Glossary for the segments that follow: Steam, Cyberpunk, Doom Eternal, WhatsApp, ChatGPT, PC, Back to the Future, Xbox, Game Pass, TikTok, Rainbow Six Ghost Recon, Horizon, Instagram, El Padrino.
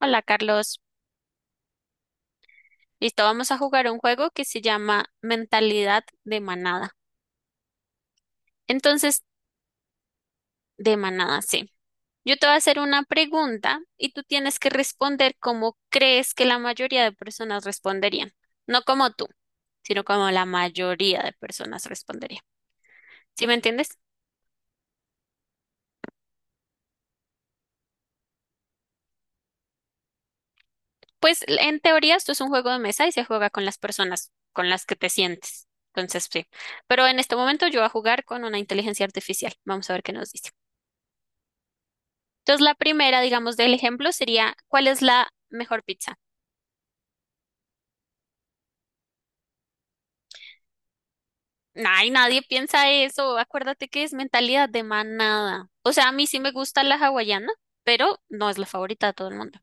Hola Carlos, listo, vamos a jugar un juego que se llama Mentalidad de Manada. Entonces, de manada, sí. Yo te voy a hacer una pregunta y tú tienes que responder como crees que la mayoría de personas responderían. No como tú, sino como la mayoría de personas responderían. ¿Sí me entiendes? Pues en teoría esto es un juego de mesa y se juega con las personas con las que te sientes. Entonces, sí. Pero en este momento yo voy a jugar con una inteligencia artificial. Vamos a ver qué nos dice. Entonces, la primera, digamos, del ejemplo sería, ¿cuál es la mejor pizza? Ay, nadie piensa eso. Acuérdate que es mentalidad de manada. O sea, a mí sí me gusta la hawaiana, pero no es la favorita de todo el mundo.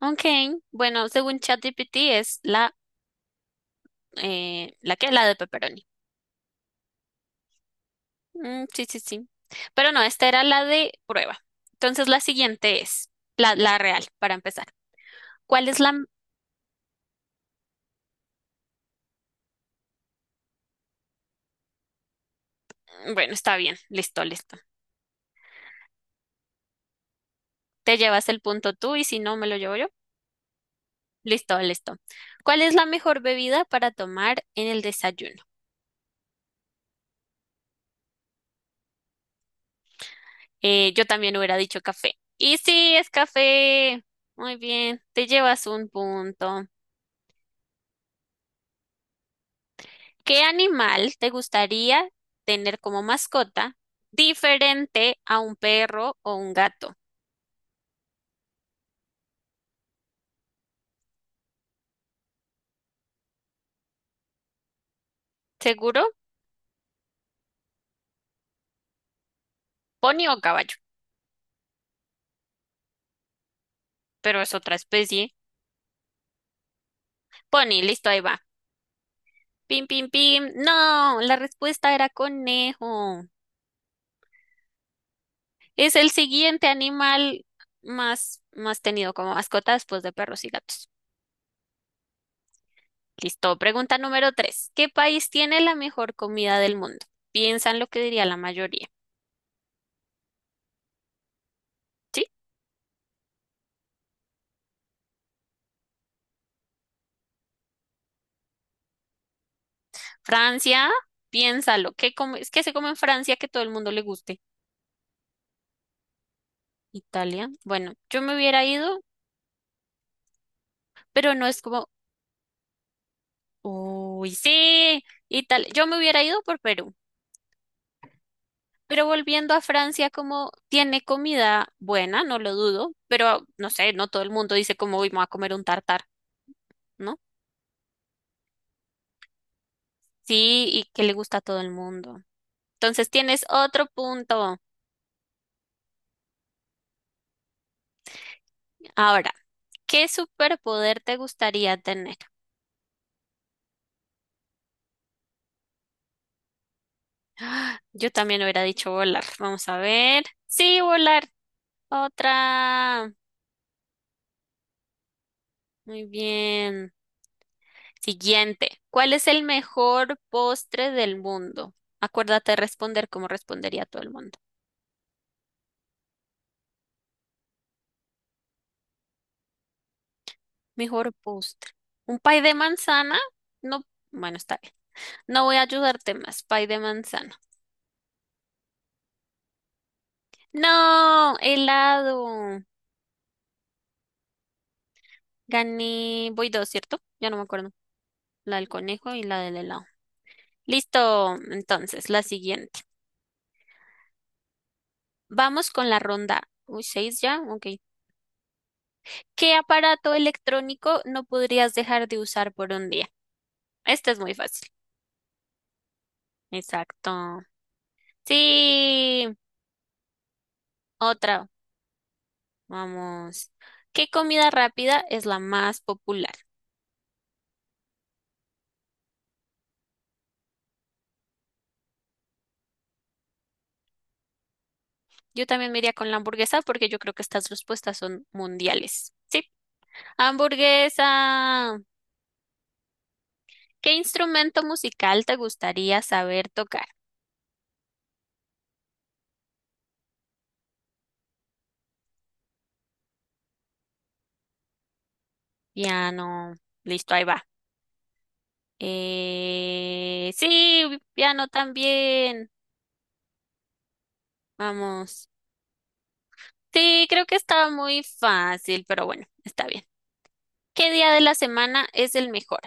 Ok, bueno, según ChatGPT es la, ¿la que La de pepperoni. Mm, sí, sí, sí. Pero no, esta era la de prueba. Entonces, la siguiente es la real, para empezar. ¿Cuál es la...? Bueno, está bien, listo, listo. Te llevas el punto tú y si no, me lo llevo yo. Listo, listo. ¿Cuál es la mejor bebida para tomar en el desayuno? Yo también hubiera dicho café. Y sí, es café. Muy bien, te llevas un punto. ¿Qué animal te gustaría tener como mascota diferente a un perro o un gato? ¿Seguro? Pony o caballo, pero es otra especie. Pony, listo, ahí va. Pim, pim, pim. No, la respuesta era conejo. Es el siguiente animal más tenido como mascota después de perros y gatos. Listo. Pregunta número tres. ¿Qué país tiene la mejor comida del mundo? Piensa en lo que diría la mayoría. ¿Sí? Francia, piénsalo. ¿Qué es que se come en Francia que todo el mundo le guste? Italia. Bueno, yo me hubiera ido, pero no es como, uy, sí, Italia. Yo me hubiera ido por Perú. Pero volviendo a Francia, como tiene comida buena, no lo dudo, pero no sé, no todo el mundo dice como, uy, me voy a comer un tartar, ¿no? Sí, y que le gusta a todo el mundo. Entonces tienes otro punto. Ahora, ¿qué superpoder te gustaría tener? ¡Ah! Yo también hubiera dicho volar. Vamos a ver. Sí, volar. Otra. Muy bien. Siguiente. ¿Cuál es el mejor postre del mundo? Acuérdate de responder como respondería todo el mundo. Mejor postre. Un pay de manzana. No, bueno, está bien. No voy a ayudarte más. Pay de manzana. No, helado. Gané. Voy dos, ¿cierto? Ya no me acuerdo. La del conejo y la del helado. Listo. Entonces, la siguiente. Vamos con la ronda. Uy, seis ya. Ok. ¿Qué aparato electrónico no podrías dejar de usar por un día? Esta es muy fácil. Exacto. Sí. Otra. Vamos. ¿Qué comida rápida es la más popular? Yo también me iría con la hamburguesa porque yo creo que estas respuestas son mundiales. Sí, hamburguesa. ¿Qué instrumento musical te gustaría saber tocar? Piano. Listo, ahí va. Sí, piano también. Vamos. Sí, creo que estaba muy fácil, pero bueno, está bien. ¿Qué día de la semana es el mejor?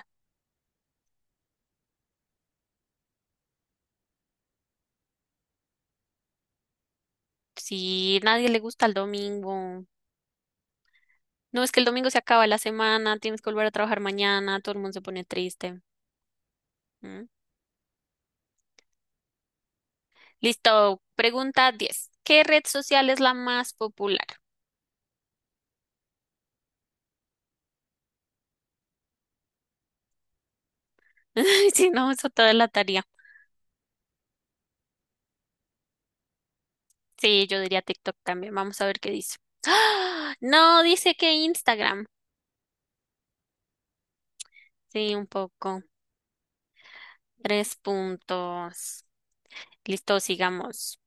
Sí, nadie le gusta el domingo. No, es que el domingo se acaba la semana, tienes que volver a trabajar mañana, todo el mundo se pone triste. ¿Mm? Listo, pregunta 10. ¿Qué red social es la más popular? Si no, eso toda la tarea. Sí, yo diría TikTok también. Vamos a ver qué dice. ¡Ah! No, dice que Instagram. Sí, un poco. Tres puntos. Listo, sigamos.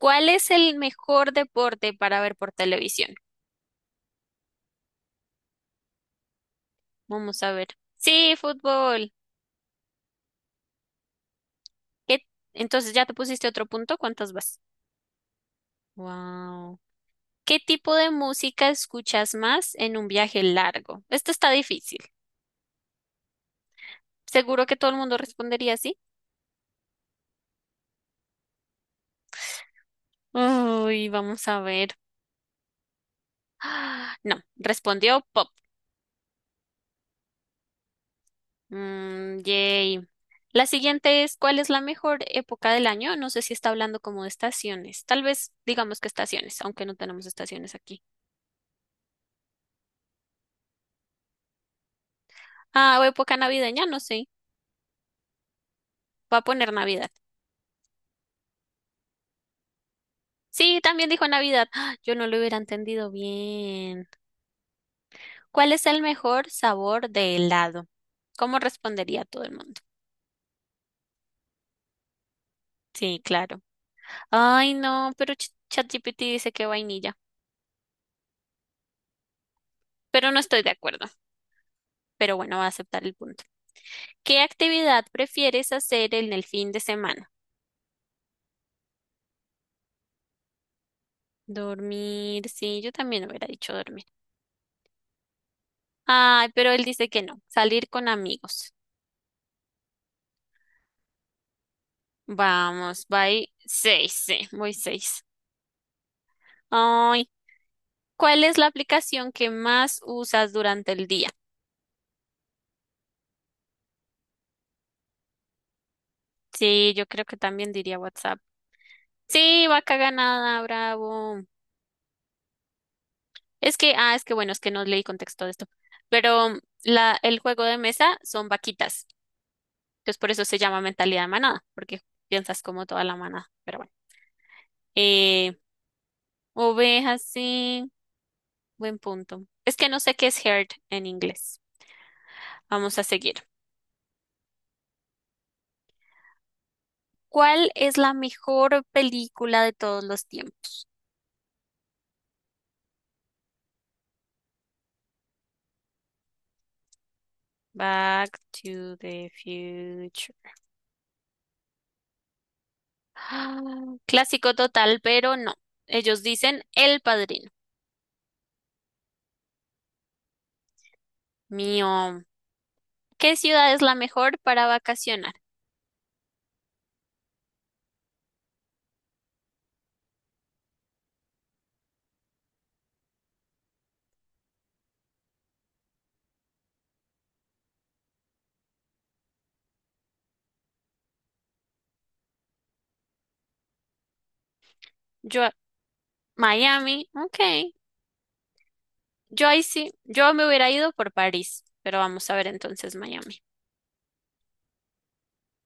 ¿Cuál es el mejor deporte para ver por televisión? Vamos a ver. Sí, fútbol. ¿Qué? Entonces, ¿ya te pusiste otro punto? ¿Cuántas vas? Wow. ¿Qué tipo de música escuchas más en un viaje largo? Esto está difícil. Seguro que todo el mundo respondería así. Uy, vamos a ver. Ah, no, respondió pop. Mm, yay. La siguiente es, ¿cuál es la mejor época del año? No sé si está hablando como de estaciones. Tal vez digamos que estaciones, aunque no tenemos estaciones aquí. Ah, o época navideña, no sé. Va a poner Navidad. Sí, también dijo Navidad. Ah, yo no lo hubiera entendido bien. ¿Cuál es el mejor sabor de helado? ¿Cómo respondería todo el mundo? Sí, claro. Ay, no, pero ChatGPT dice que vainilla. Pero no estoy de acuerdo. Pero bueno, va a aceptar el punto. ¿Qué actividad prefieres hacer en el fin de semana? Dormir. Sí, yo también hubiera dicho dormir. Ay, pero él dice que no. Salir con amigos. Vamos, voy seis, sí, voy seis. Ay, ¿cuál es la aplicación que más usas durante el día? Sí, yo creo que también diría WhatsApp. Sí, vaca ganada, bravo. Es que, ah, es que bueno, es que no leí contexto de esto. Pero el juego de mesa son vaquitas. Entonces por eso se llama mentalidad de manada, porque piensas como toda la manada. Pero bueno. Eh, Ovejas, sí. Buen punto. Es que no sé qué es herd en inglés. Vamos a seguir. ¿Cuál es la mejor película de todos los tiempos? Back to the Future. Ah, clásico total, pero no. Ellos dicen El Padrino. Mío, ¿qué ciudad es la mejor para vacacionar? Yo, Miami, ok. Yo ahí sí, yo me hubiera ido por París, pero vamos a ver entonces Miami.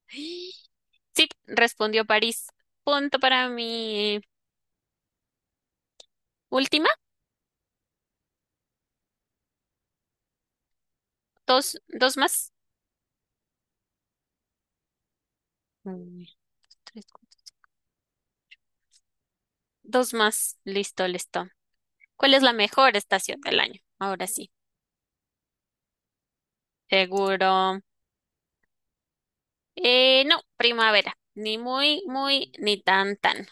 Sí, respondió París. Punto para mi última, dos, dos más. Uno, tres, cuatro. Dos más, listo, listo. ¿Cuál es la mejor estación del año? Ahora sí, seguro. No, primavera, ni muy, muy, ni tan, tan.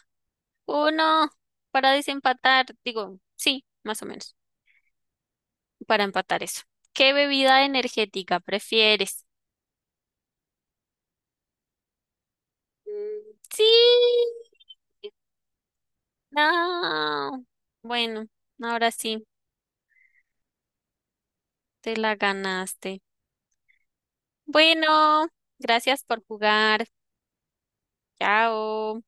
Uno para desempatar, digo, sí, más o menos, para empatar eso. ¿Qué bebida energética prefieres? Mm, sí, no. Bueno, ahora sí, te la ganaste. Bueno, gracias por jugar. Chao.